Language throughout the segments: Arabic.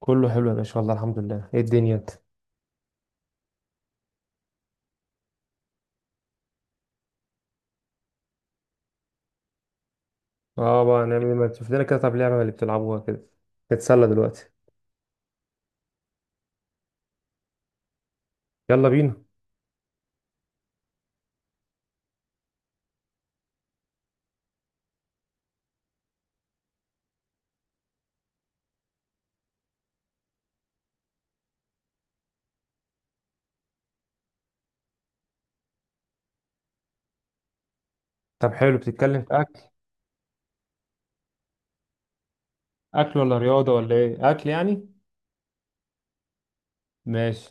كله حلو يا باشا، والله الحمد لله. ايه الدنيا انت؟ اه بقى نعمل ايه؟ ما تشوف لنا كده طب لعبه اللي بتلعبوها كده نتسلى دلوقتي. يلا بينا. طب حلو، بتتكلم في اكل؟ اكل ولا رياضه ولا ايه؟ اكل يعني. ماشي،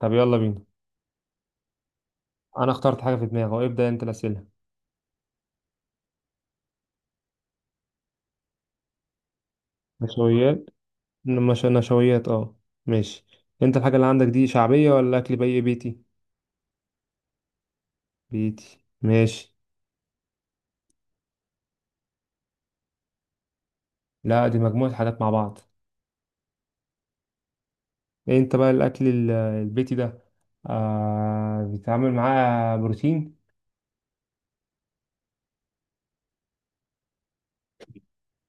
طب يلا بينا. انا اخترت في دماغي، ابدا انت الاسئله. نشويات؟ مش نشويات، اه. ماشي، انت الحاجه اللي عندك دي شعبيه ولا اكل بي بيتي؟ بيتي، ماشي. لا، دي مجموعه حاجات مع بعض. انت بقى الاكل البيتي ده بيتعامل معاه بروتين؟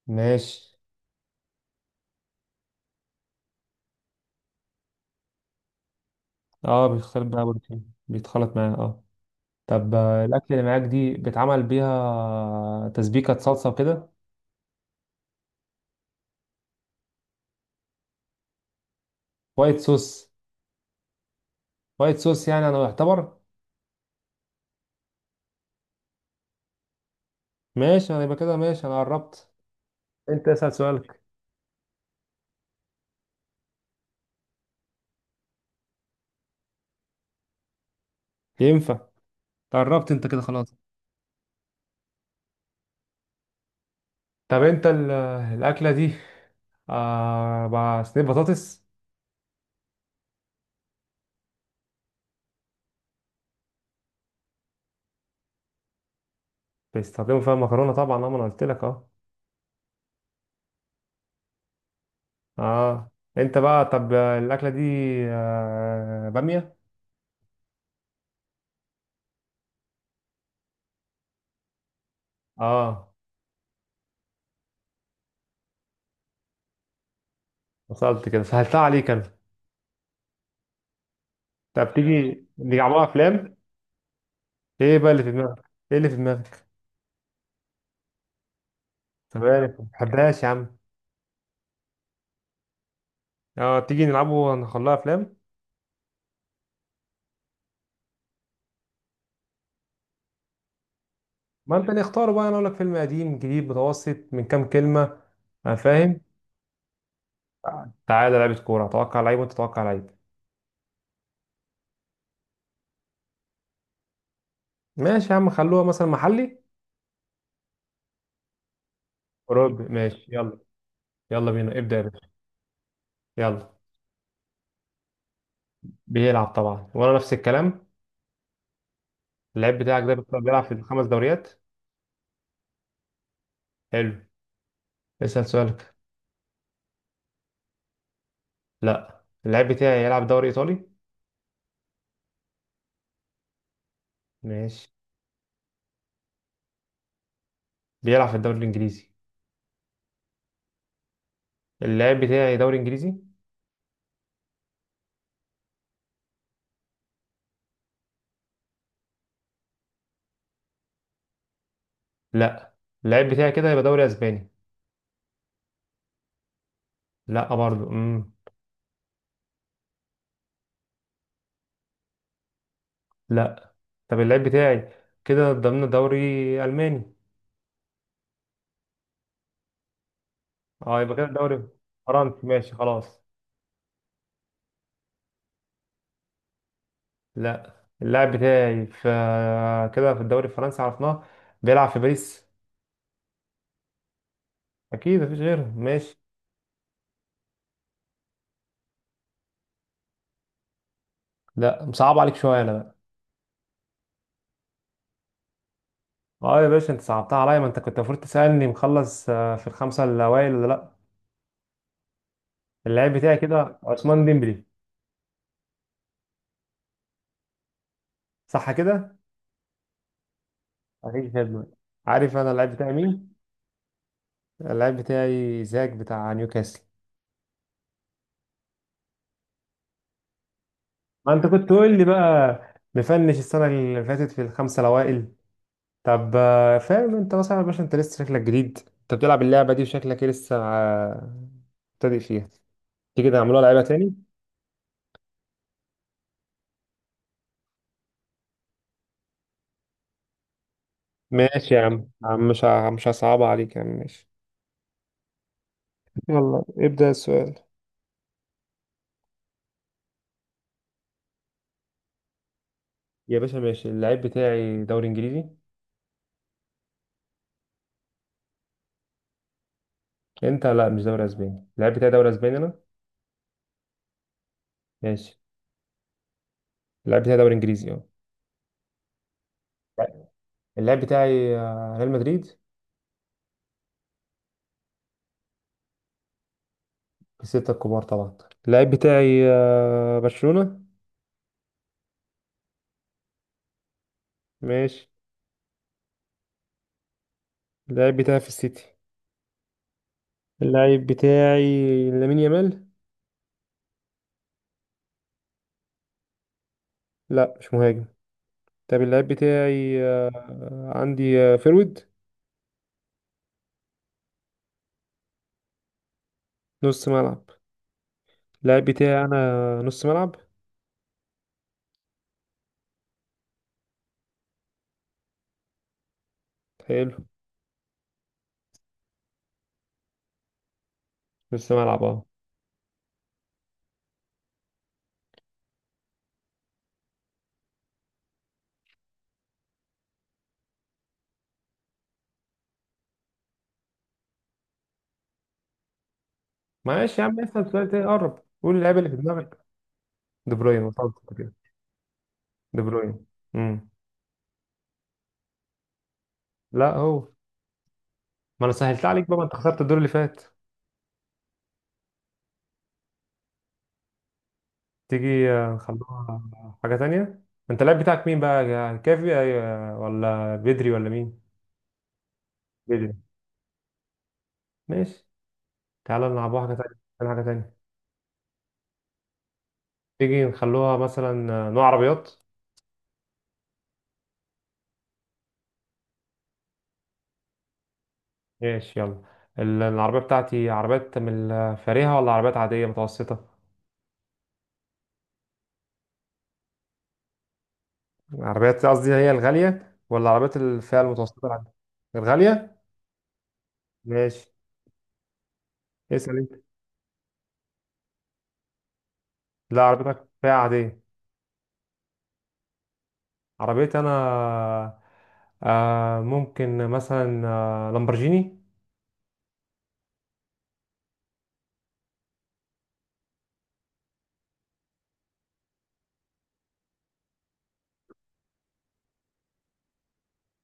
ماشي، اه بيختلط بقى بروتين، بيتخلط معاه اه. طب الاكل اللي معاك دي بيتعمل بيها تسبيكه صلصه وكده؟ وايت صوص. وايت صوص يعني، انا يعتبر. ماشي، انا يبقى كده ماشي، انا قربت. انت اسال سؤالك. ينفع، قربت انت كده خلاص. طب انت الاكله دي آه بقى صينيه بطاطس؟ بيستخدموا فيها مكرونه طبعا اه، ما انا قلت لك اه. اه، انت بقى طب الاكله دي آه باميه؟ اه وصلت كده، سهلتها عليك انا. طب تيجي نلعبوها افلام. ايه بقى اللي في دماغك؟ ايه اللي في دماغك؟ طب انا ما بحبهاش. اه تيجي نلعبه نخليها افلام. ما انت نختار بقى، انا اقول لك فيلم قديم جديد متوسط، من كام كلمه؟ أنا فاهم. تعالى لعبه كوره، اتوقع لعيب وانت تتوقع لعيب. ماشي يا عم، خلوها مثلا محلي. اوروبي. يلا، يلا بينا ابدا يا باشا. بيلعب طبعا، وانا نفس الكلام. اللعيب بتاعك ده بيلعب في الخمس دوريات؟ حلو، اسال سؤالك. اللعيب بتاعي يلعب دوري ايطالي. ماشي. بيلعب في الدوري الانجليزي. اللعيب بتاعي دوري انجليزي. لا، اللعيب بتاعي كده يبقى دوري اسباني. لا برضو، لا. طب اللعيب بتاعي كده ضمن دوري الماني. اه يبقى كده دوري فرنسي. خلاص. لا، اللاعب بتاعي في كده في الدوري الفرنسي عرفناه، بيلعب في باريس. اكيد مفيش غيره. ماشي. لا، مصعب عليك شويه انا بقى. اه يا باشا، انت صعبتها عليا، ما انت كنت المفروض تسالني مخلص في الخمسه الاوائل ولا لا. اللاعب بتاعي كده عثمان ديمبلي. صح كده. عارف انا اللاعب بتاعي مين؟ اللاعب بتاعي زاك بتاع نيوكاسل. ما انت كنت تقول لي بقى مفنش السنه اللي فاتت في الخمسه الاوائل. طب فاهم انت مثلا يا باشا، انت لسه شكلك جديد، انت بتلعب اللعبه دي وشكلك إيه لسه مبتدئ فيها. تيجي نعملوها لعيبه تاني. ماشي يا عم، عم مش مش هصعبها عليك يا عم، ماشي. يلا ابدأ السؤال. يا باشا ماشي، اللعيب بتاعي دوري انجليزي. انت لا، مش دوري اسباني، اللعيب بتاعي دوري اسباني انا. اللعيب بتاعي دوري انجليزي اه. اللعيب بتاعي ريال مدريد. ستة الكبار طبعا. اللعيب بتاعي برشلونة. ماشي. اللاعب بتاعي في السيتي. اللاعب بتاعي لامين يامال. لا مش مهاجم. طب اللاعب بتاعي عندي فيرويد. نص ملعب. اللاعب بتاعي انا نص ملعب. حلو، نص ملعب اه. معلش يا عم اسال سؤال تاني اه. قول اللاعب اللي في دماغك. دي بروين، وصلت كده. دي بروين. امم لا هو، ما انا سهلت عليك بقى ما انت خسرت الدور اللي فات. تيجي نخلوها. انت اللاعب بتاعك مين بقى، يا كافي ولا بدري ولا مين؟ بدري. ماشي، تعالى نلعب واحده تانية، نلعب حاجه تانية. تيجي نخلوها مثلا نوع عربيات. العربية بتاعتي عربيات من الفارهة ولا عربيات عادية متوسطة؟ عربيات قصدي هي الغالية ولا عربيات الفئة المتوسطة العادية؟ الغالية. ماشي، اسأل انت. لا، عربيتك فئة عادية. عربيتي انا، ممكن مثلا آه لامبرجيني.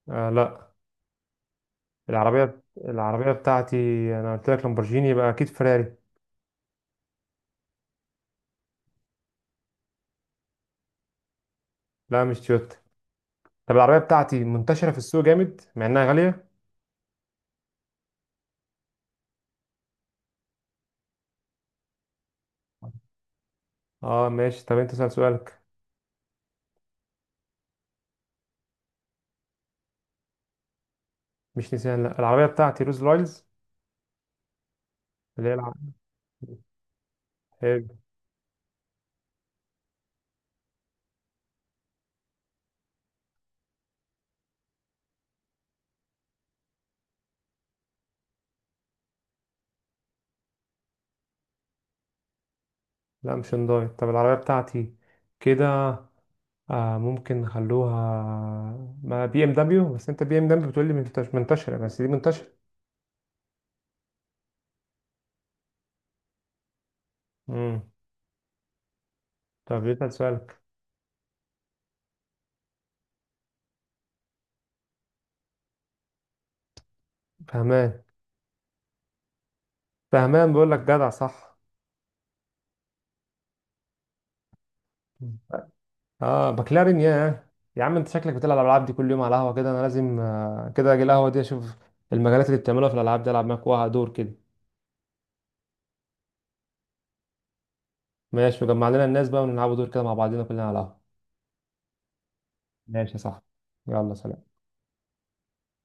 آه لا، العربية بتاعتي، انا قلت لك لامبرجيني، يبقى اكيد فيراري. لا مش تويوتا. طب العربية بتاعتي منتشرة في السوق جامد مع انها غالية. اه ماشي، طب انت اسأل سؤالك. مش نيسان، لا. العربية بتاعتي روز رايلز. اللي هي هي مش هنداي. طب العربية بتاعتي كده آه ممكن نخلوها ما بي ام دبليو، بس انت بي ام دبليو بتقول لي منتشرة، بس دي منتشرة. امم طب يسأل سؤالك. فهمان. فهمان بقول لك، جدع صح. اه مكلارين. يا عم انت شكلك بتلعب الالعاب دي كل يوم على القهوة كده، انا لازم كده اجي القهوة دي، اشوف المجالات اللي بتعملوها في الالعاب دي، العب معاك واحد دور كده. ماشي، وجمع لنا الناس بقى ونلعبوا دور كده مع بعضنا كلنا على القهوة. يلا، سلام.